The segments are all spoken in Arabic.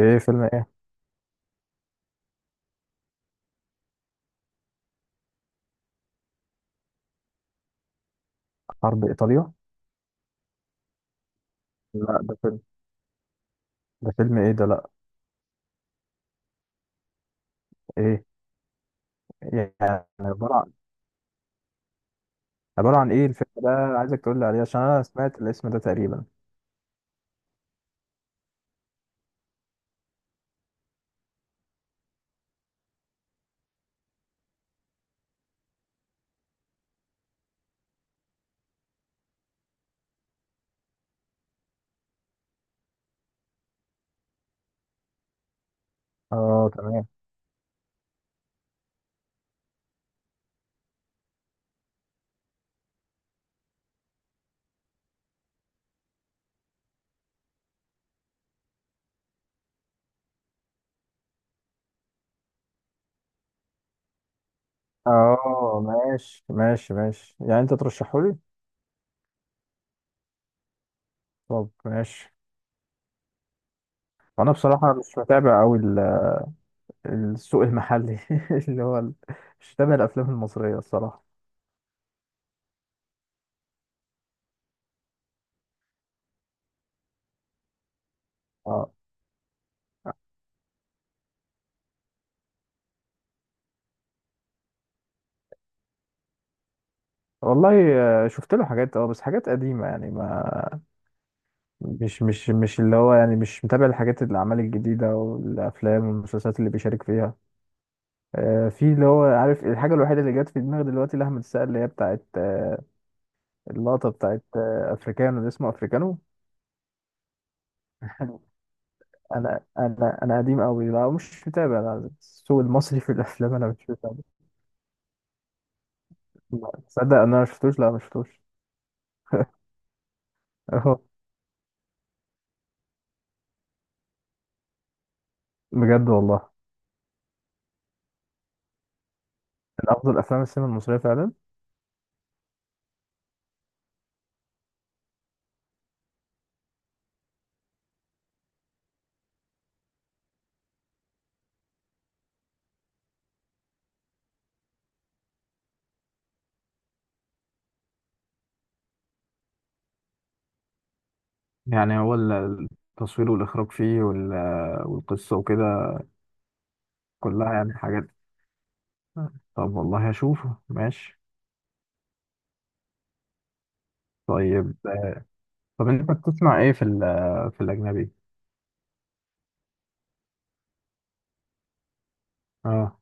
ايه فيلم ايه؟ حرب ايطاليا. لا ده فيلم. ده فيلم ايه ده؟ لا ايه يعني عبارة عن؟ عبارة عن ايه الفيلم ده؟ عايزك تقول لي عليه عشان انا سمعت الاسم ده تقريبا. اه تمام. اه ماشي، ماشي، ماشي، يعني انت ترشحه لي؟ طب ماشي. وانا بصراحة مش متابع قوي السوق المحلي اللي هو مش متابع الافلام المصرية الصراحة. اه. والله شفت له حاجات اه بس حاجات قديمة يعني ما مش اللي هو يعني مش متابع الحاجات الأعمال الجديدة والأفلام والمسلسلات اللي بيشارك فيها. في اللي هو عارف الحاجة الوحيدة اللي جت في دماغي دلوقتي لأحمد السقا اللي هي بتاعت اللقطة بتاعت أفريكانو، اللي اسمه أفريكانو. أنا قديم أوي، لا مش متابع، لا السوق المصري في الأفلام أنا مش متابع. لا، تصدق أنا ما شفتوش، لا ما شفتوش. أهو. بجد والله؟ من أفضل أفلام السينما المصرية فعلا؟ يعني هو التصوير والإخراج فيه والقصة وكده كلها يعني حاجات. طب والله هشوفه ماشي. طيب. طب انت بتسمع ايه في ال في الاجنبي؟ اه.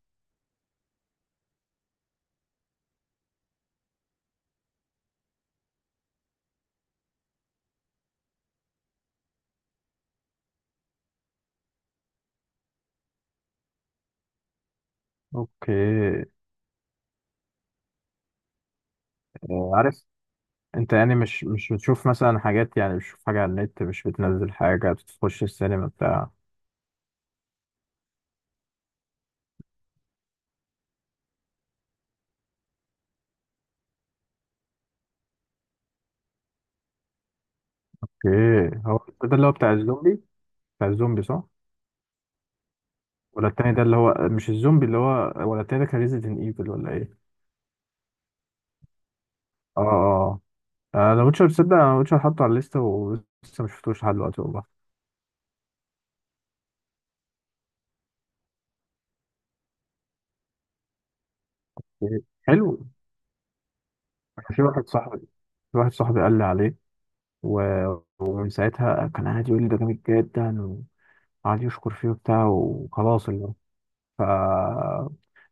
اوكي. آه، عارف انت، يعني مش بتشوف مثلا حاجات، يعني مش بتشوف حاجه على النت، مش بتنزل حاجه، بتخش السينما بتاع اوكي. هو ده اللي هو بتاع الزومبي؟ بتاع الزومبي صح؟ ولا التاني ده اللي هو مش الزومبي اللي هو، ولا التاني ده كان ريزيدنت ايفل ولا ايه؟ اه اه. آه، انا ويتشر تصدق انا ويتشر حاطه على الليسته ولسه مش شفتوش لحد دلوقتي والله. إيه، حلو. أنا في واحد صاحبي، في واحد صاحبي قال لي عليه، ومن ساعتها كان قاعد يقول لي ده جامد جدا، وقعد يشكر فيه وبتاع وخلاص اللي هو ف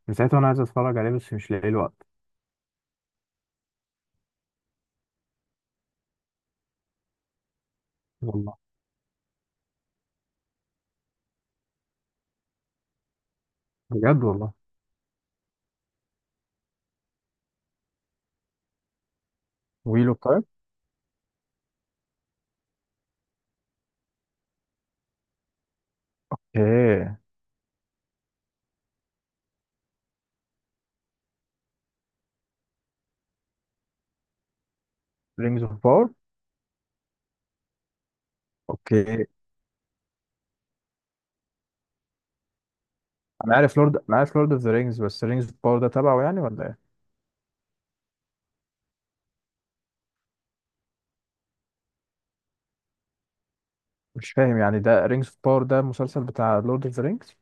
من ساعتها وانا عايز اتفرج عليه بس مش لاقي الوقت. والله؟ بجد والله؟ ويل اوف تايم؟ ايه. رينجز اوف باور. اوكي. انا عارف لورد، انا عارف لورد اوف ذا رينجز، بس رينجز اوف باور ده تبعه يعني ولا ايه؟ مش فاهم يعني، ده رينجز اوف باور ده مسلسل بتاع لورد اوف ذا رينجز؟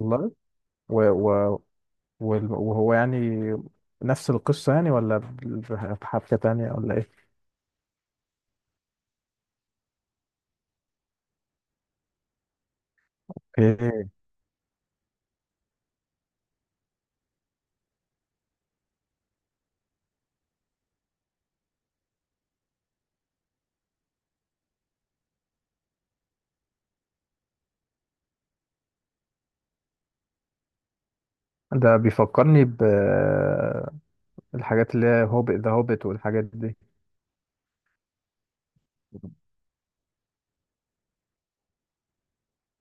والله. و... و... وهو يعني نفس القصة يعني، ولا بحبكة تانية، ولا ايه؟ اوكي. ده بيفكرني بالحاجات اللي هي هوبت، ذا هوبت والحاجات دي.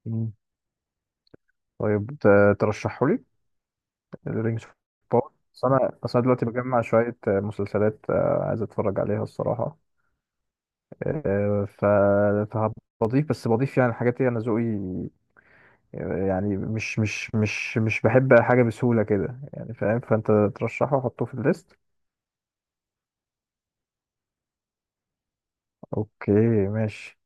مم. طيب ترشحوا لي الرينجز اوف باور، بس انا، بس انا دلوقتي بجمع شويه مسلسلات، عايز اتفرج عليها الصراحه. آه، ف فهضيف، بس بضيف يعني الحاجات دي انا ذوقي، يعني مش بحب حاجه بسهوله كده يعني، فاهم؟ فانت ترشحه وحطه في الليست. اوكي ماشي.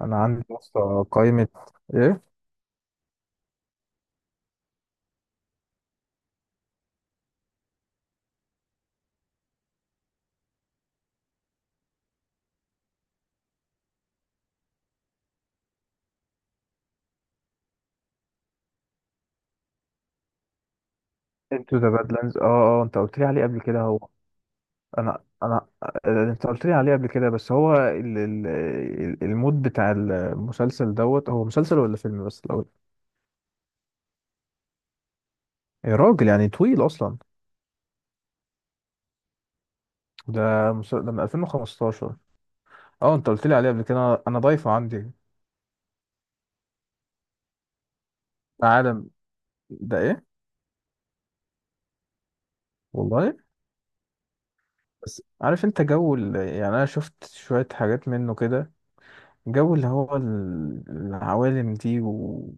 انا عندي يا اسطى قائمه. ايه؟ انتو ذا بادلاندز، اه. اه انت قلت لي عليه قبل كده هو. انا آه، انت قلت لي عليه قبل كده بس هو ال... ال... المود بتاع المسلسل دوت. هو مسلسل ولا فيلم بس الاول؟ يا راجل، يعني طويل اصلا. ده مسلسل ده من 2015؟ اه انت قلت لي عليه قبل كده، أنا ضايفه عندي. عالم. ده ايه؟ والله. بس عارف انت جو ال...، يعني انا شفت شوية حاجات منه كده، جو اللي هو العوالم دي، و...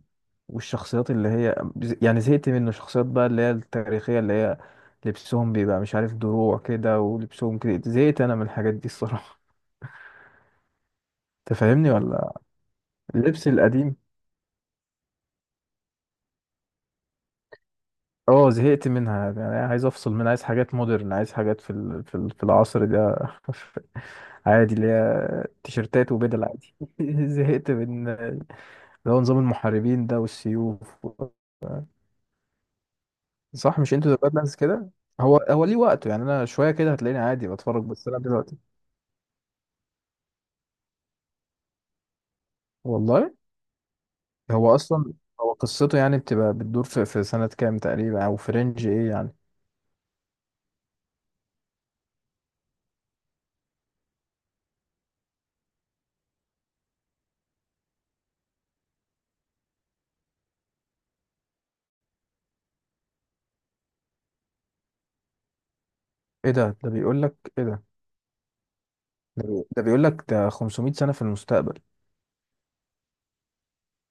والشخصيات اللي هي، يعني زهقت منه شخصيات بقى اللي هي التاريخية، اللي هي لبسهم بيبقى مش عارف دروع كده ولبسهم كده. زهقت انا من الحاجات دي الصراحة. تفهمني ولا؟ اللبس القديم. اه، زهقت منها يعني، عايز افصل منها، عايز حاجات مودرن، عايز حاجات في ال... في ال... في العصر ده. عادي، اللي هي تيشيرتات وبدل عادي. زهقت من اللي هو نظام المحاربين ده والسيوف. صح، مش انتوا ذا بادلاندز كده؟ هو، هو ليه وقته يعني، انا شويه كده هتلاقيني عادي بتفرج، بس انا دلوقتي والله. هو اصلا، هو قصته يعني بتبقى بتدور في، في سنه كام تقريبا او في رينج ايه يعني؟ ايه ده؟ ده بيقول لك ايه ده؟ ده، بي... ده بيقول لك ده 500 سنه في المستقبل.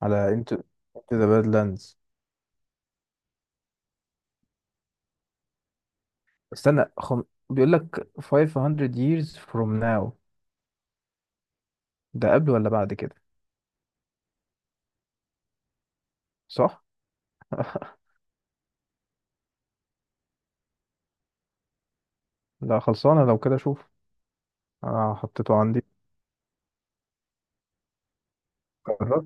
على انتو، انتو ذا بادلاندز. استنى خم... بيقول لك 500 years from now. ده قبل ولا بعد كده؟ صح. لا خلصانه لو كده، شوف انا حطيته عندي. قررت.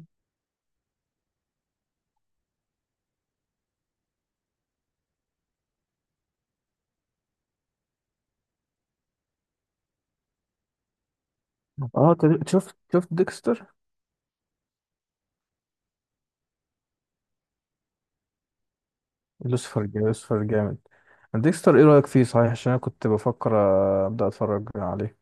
اه شفت، شفت ديكستر. لوسيفر جامد، لوسيفر جامد. ديكستر ايه رأيك فيه صحيح؟ عشان انا كنت بفكر ابدأ اتفرج عليه.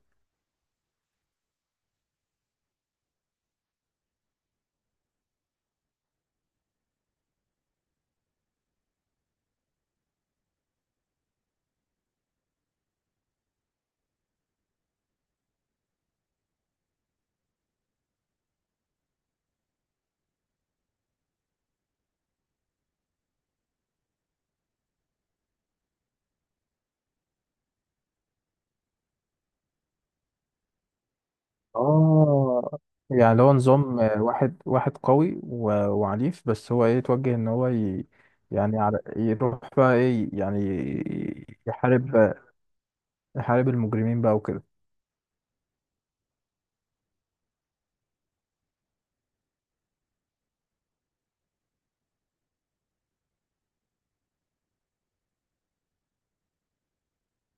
اه، يعني اللي هو نظام آه، واحد واحد قوي وعنيف، بس هو ايه يتوجه ان هو ي...، يعني على... يروح بقى ايه يعني؟ يحارب، يحارب المجرمين بقى وكده.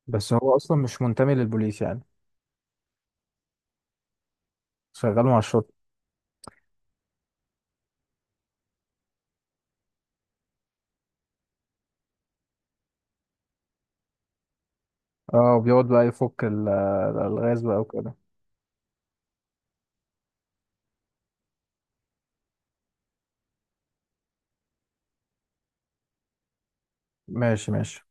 بس هو اصلا مش منتمي للبوليس يعني؟ شغال مع الشرطة. اه، وبيقعد بقى يفك الالغاز بقى وكده. ماشي، ماشي.